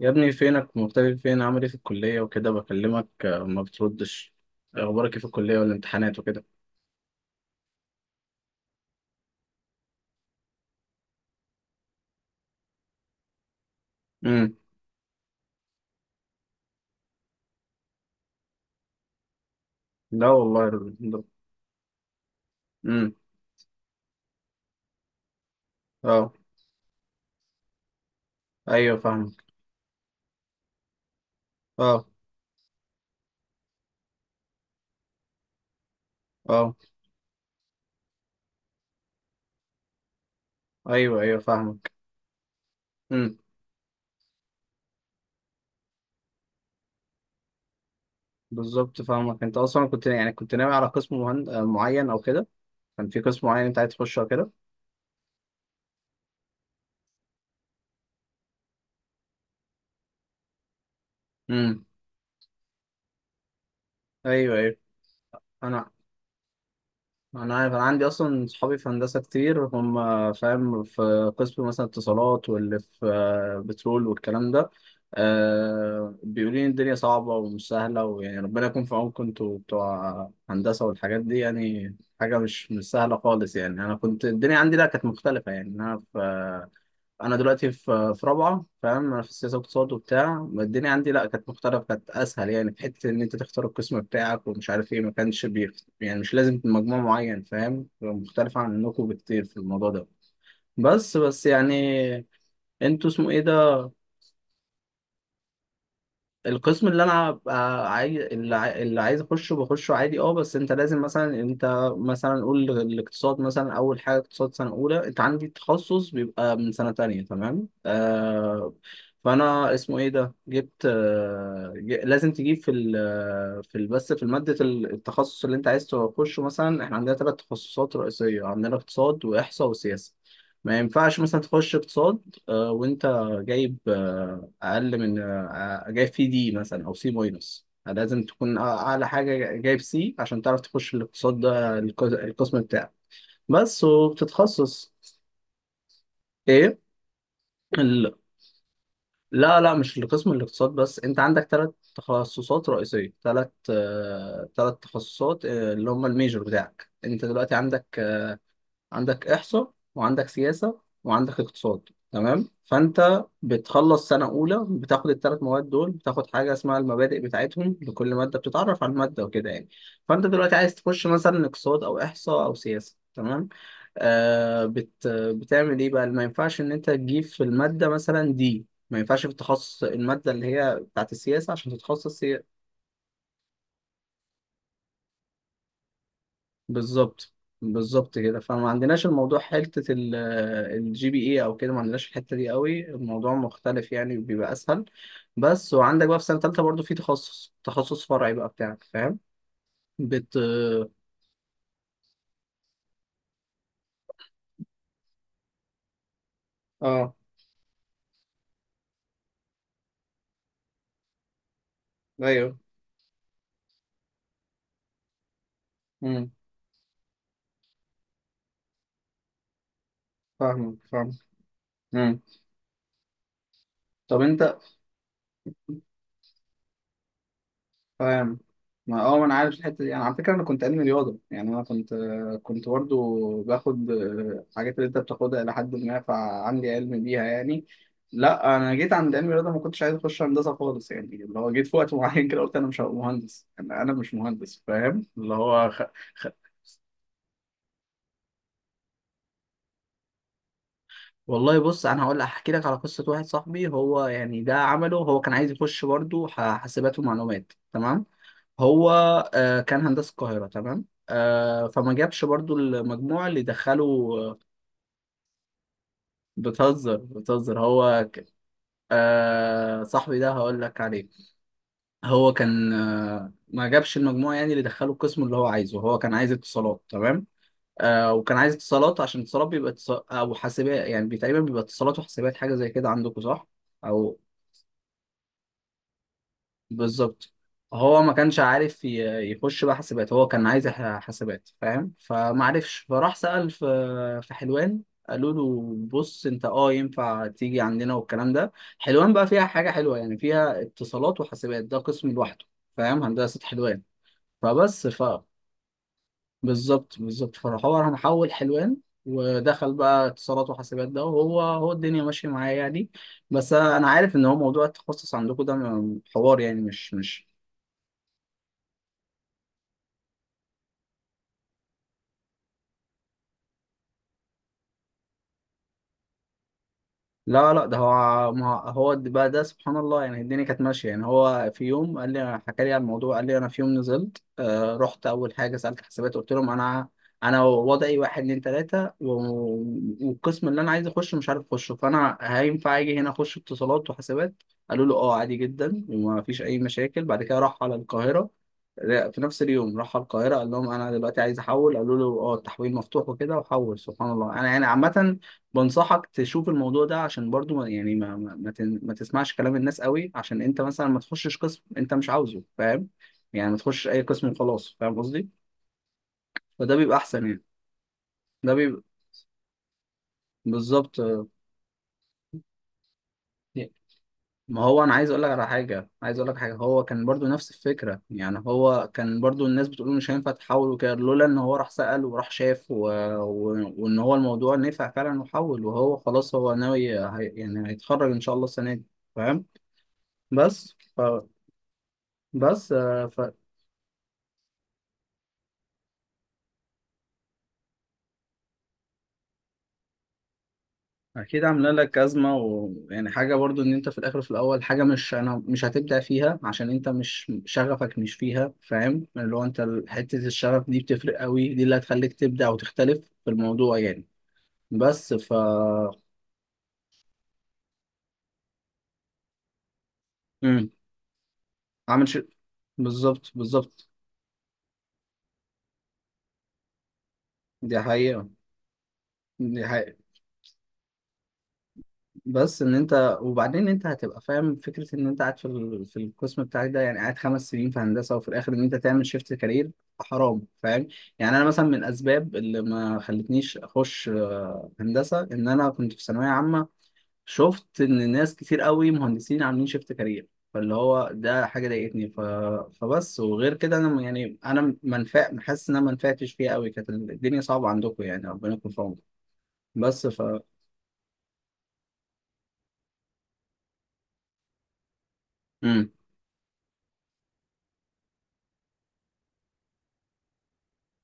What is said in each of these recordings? يا ابني فينك مختفي؟ فين؟ عامل ايه في الكلية وكده؟ بكلمك آه، ما بتردش. اخبارك ايه في الكلية والامتحانات وكده؟ امم لا والله الحمد. امم اه. ايوه فاهمك. اه. اه. ايوه ايوه فاهمك. امم بالظبط فاهمك. انت اصلا كنت كنت ناوي على قسم مهن... آه، معين او كده؟ كان في قسم معين انت عايز تخشه او كده؟ امم ايوه ايوه. انا انا عارف، انا عندي اصلا صحابي في هندسه كتير، هم فاهم في قسم مثلا اتصالات واللي في بترول والكلام ده. أه، بيقولوا لي الدنيا صعبه ومش سهله، ويعني ربنا يكون في عونكم انتوا بتوع هندسه والحاجات دي. يعني حاجه مش سهله خالص يعني. انا كنت الدنيا عندي لا، كانت مختلفه يعني. انا في، انا دلوقتي في رابعه، فاهم؟ انا في السياسه واقتصاد وبتاع. الدنيا عندي لا، كانت مختلفه، كانت اسهل، يعني في حته ان انت تختار القسم بتاعك ومش عارف ايه، ما كانش يعني مش لازم مجموع معين، فاهم؟ مختلفه عنكم بكتير في الموضوع ده. بس يعني انتوا اسمه ايه ده؟ القسم اللي انا عايز، اللي اللي عايز اخشه بخشه عادي. اه بس انت لازم مثلا، انت قول الاقتصاد مثلا. اول حاجه اقتصاد سنه اولى، انت عندي تخصص بيبقى من سنه تانية، تمام؟ آه، فانا اسمه ايه ده جبت آه، لازم تجيب في ال، في ال- بس في ماده التخصص اللي انت عايز تخشه. مثلا احنا عندنا ثلاث تخصصات رئيسيه، عندنا اقتصاد واحصاء وسياسه. ما ينفعش مثلا تخش اقتصاد آه، وانت جايب آه، اقل من آه، آه، جايب فيه دي مثلا، او سي ماينس. لازم تكون اعلى حاجه جايب سي عشان تعرف تخش الاقتصاد ده، القسم بتاعك. بس. وبتتخصص ايه ال... لا لا، مش القسم الاقتصاد بس. انت عندك ثلاث تخصصات رئيسيه، ثلاث تخصصات آه، اللي هم الميجor بتاعك انت دلوقتي. عندك، عندك إحصاء وعندك سياسة وعندك اقتصاد، تمام؟ فأنت بتخلص سنة أولى بتاخد الثلاث مواد دول، بتاخد حاجة اسمها المبادئ بتاعتهم، لكل مادة بتتعرف على المادة وكده يعني. فأنت دلوقتي عايز تخش مثلا اقتصاد أو إحصاء أو سياسة، تمام. آه، بتعمل إيه بقى؟ ما ينفعش إن أنت تجيب في المادة مثلا دي، ما ينفعش في التخصص، المادة اللي هي بتاعت السياسة عشان تتخصص. بالظبط بالظبط كده. فما عندناش الموضوع حتة الجي بي اي او كده، ما عندناش الحتة دي قوي، الموضوع مختلف يعني، بيبقى اسهل. بس. وعندك بقى في سنة تالتة برضو في تخصص، تخصص فرعي بقى بتاعك، فاهم؟ بت اه. ايوه. امم فاهمك. فاهم. امم طب انت، فاهم، ما انا عارف الحته دي. انا على فكره انا كنت علمي رياضه، يعني انا كنت، كنت برضو باخد الحاجات اللي انت بتاخدها الى حد ما، فعندي علم بيها يعني. لا انا جيت عند علم الرياضه ما كنتش عايز اخش هندسه خالص يعني، اللي هو جيت في وقت معين كده قلت انا مش هبقى مهندس، انا مش مهندس، فاهم؟ اللي هو خ... والله بص، انا هقول احكي لك على قصه واحد صاحبي، هو يعني ده عمله. هو كان عايز يخش برضو حاسبات ومعلومات، تمام؟ هو آه، كان هندسة القاهرة، تمام؟ آه، فما جابش برضو المجموع اللي دخله آه، بتهزر بتهزر. هو آه، صاحبي ده هقول لك عليه. هو كان آه، ما جابش المجموع يعني اللي دخله القسم اللي هو عايزه، هو كان عايز اتصالات، تمام؟ آه، وكان عايز اتصالات عشان اتصالات بيبقى اتصال او حاسبات يعني، تقريبا بيبقى اتصالات وحاسبات حاجة زي كده عندكم، صح؟ او بالظبط. هو ما كانش عارف يخش بقى حاسبات، هو كان عايز حاسبات، فاهم؟ فما عرفش، فراح سأل في، في حلوان. قالوا له بص انت اه، ينفع تيجي عندنا والكلام ده. حلوان بقى فيها حاجة حلوة يعني، فيها اتصالات وحاسبات ده قسم لوحده، فاهم؟ هندسة حلوان. فبس ف، بالظبط. فراح هو راح محول حلوان ودخل بقى اتصالات وحاسبات ده. وهو هو الدنيا ماشية معايا يعني. بس انا عارف ان هو موضوع التخصص عندكم ده حوار يعني، مش لا لا ده هو، ما هو د- بقى ده سبحان الله يعني الدنيا كانت ماشيه يعني. هو في يوم قال لي، حكى لي على الموضوع، قال لي انا في يوم نزلت آه، رحت اول حاجه سالت حسابات، قلت لهم انا، انا وضعي واحد اتنين تلاته والقسم اللي انا عايز اخشه مش عارف اخشه، فانا هينفع اجي هنا اخش اتصالات وحسابات؟ قالوا له اه عادي جدا وما فيش اي مشاكل. بعد كده راح على القاهره، لا، في نفس اليوم راح على القاهره، قال لهم انا دلوقتي عايز احول، قالوا له اه التحويل مفتوح وكده، وحول سبحان الله. انا يعني عامه بنصحك تشوف الموضوع ده، عشان برضو ما يعني ما ما تسمعش كلام الناس قوي، عشان انت مثلا ما تخشش قسم انت مش عاوزه، فاهم؟ يعني ما تخشش اي قسم وخلاص، فاهم قصدي؟ فده بيبقى احسن يعني. ده بيبقى بالظبط. ما هو انا عايز اقول لك على حاجه، عايز اقول لك حاجه. هو كان برضو نفس الفكره يعني، هو كان برضو الناس بتقول مش هينفع تحول وكده، لولا ان هو راح سأل وراح شاف و... و... وان هو الموضوع نفع فعلا وحول، وهو خلاص هو ناوي يعني هيتخرج ان شاء الله السنه دي، فاهم؟ بس بس آه، فأكيد عاملة لك أزمة. ويعني حاجة برضو إن أنت في الآخر، في الأول، حاجة مش، أنا مش هتبدع فيها عشان أنت مش شغفك مش فيها، فاهم؟ اللي هو أنت حتة الشغف دي بتفرق قوي، دي اللي هتخليك تبدع وتختلف في الموضوع يعني. بس ف، مم. عامل بالظبط. دي حقيقة دي حقيقة. بس ان انت وبعدين انت هتبقى فاهم فكره ان انت قاعد في في القسم بتاعك ده يعني، قاعد 5 سنين في هندسه وفي الاخر ان انت تعمل شيفت كارير، حرام، فاهم؟ يعني انا مثلا من الاسباب اللي ما خلتنيش اخش آه، هندسه، ان انا كنت في ثانويه عامه شفت ان ناس كتير قوي مهندسين عاملين شيفت كارير، فاللي هو ده حاجه ضايقتني فبس. وغير كده انا يعني انا منفع حاسس ان انا ما نفعتش فيها قوي، كانت الدنيا صعبه عندكم يعني، ربنا يكون في عونكم. بس ف، امم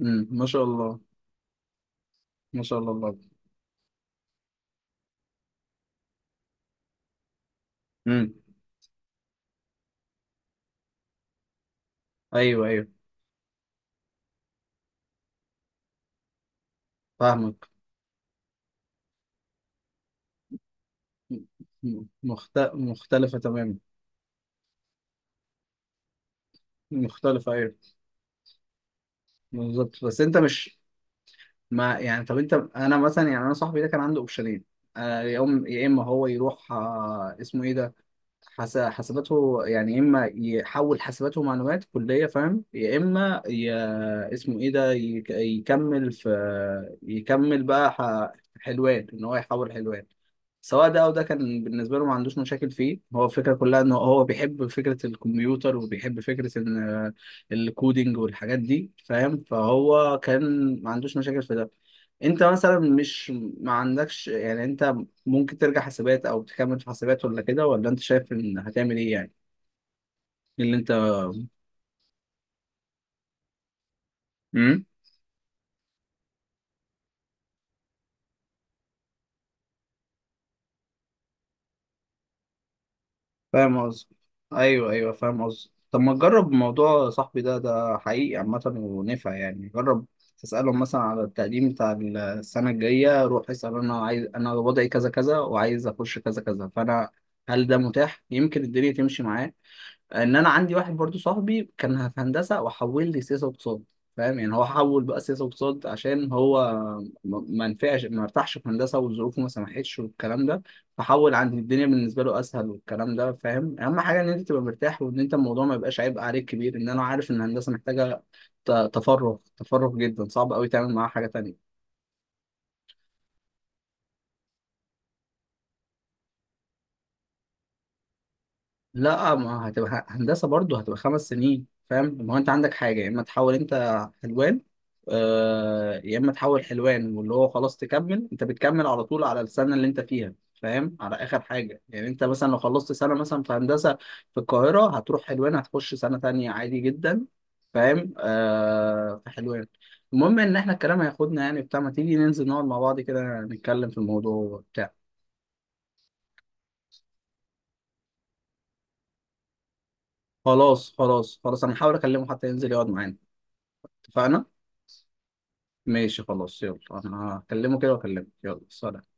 ما شاء الله. ما شاء الله الله. امم ايوه ايوه فاهمك. مختلفه تماما. مختلفه ايوه. بالظبط. بس انت مش، ما يعني طب انت، انا مثلا يعني، انا صاحبي ده كان عنده اوبشنين آه، يا اما هو يروح آه، اسمه ايه ده حساباته يعني، يا اما يحول حسابات ومعلومات كليه، فاهم؟ يا اما اسمه ايه ده يكمل في، يكمل بقى حلوان، ان هو يحول حلوان. سواء ده او ده كان بالنسبه له، ما عندوش مشاكل فيه. هو الفكره كلها ان هو بيحب فكره الكمبيوتر، وبيحب فكره ان آه، الكودينج والحاجات دي، فاهم؟ فهو كان ما عندوش مشاكل في ده. انت مثلا مش، ما عندكش يعني، انت ممكن ترجع حسابات او تكمل في حسابات، ولا كده، ولا انت شايف ان هتعمل ايه يعني؟ إيه اللي انت؟ مم؟ فاهم قصدي؟ ايوه ايوه فاهم قصدي. طب ما تجرب موضوع صاحبي ده، ده حقيقي عامة ونفع يعني. جرب تسألهم مثلا على التقديم بتاع السنة الجاية، روح اسأل انا عايز، انا وضعي كذا كذا وعايز اخش كذا كذا، فانا هل ده متاح؟ يمكن الدنيا تمشي معاه. ان انا عندي واحد برضو صاحبي كان في هندسه وحول لي سياسه واقتصاد، فاهم؟ يعني هو حول بقى سياسه واقتصاد عشان هو ما نفعش، ما ارتاحش في هندسه والظروف ما سمحتش والكلام ده، فحول عندي الدنيا بالنسبه له اسهل والكلام ده، فاهم؟ اهم حاجه ان انت تبقى مرتاح، وان انت الموضوع ما يبقاش عبء عليك كبير. ان انا عارف ان الهندسه محتاجه تفرغ جدا، صعب قوي تعمل معاها حاجه تانية. لا، ما هتبقى هندسة برضه، هتبقى 5 سنين، فاهم؟ ما هو انت عندك حاجة، يا اما تحول انت حلوان آه، يا اما تحول حلوان واللي هو خلاص تكمل، انت بتكمل على طول على السنة اللي انت فيها، فاهم؟ على اخر حاجة يعني. انت مثلا لو خلصت سنة مثلا في هندسة في القاهرة، هتروح حلوان هتخش سنة تانية عادي جدا، فاهم؟ آه في حلوان. المهم ان احنا الكلام هياخدنا يعني بتاع، ما تيجي ننزل نقعد مع بعض كده نتكلم في الموضوع وبتاع. خلاص، انا هحاول اكلمه حتى ينزل يقعد معانا. اتفقنا. ماشي خلاص يلا. انا هكلمه كده واكلمك. يلا سلام.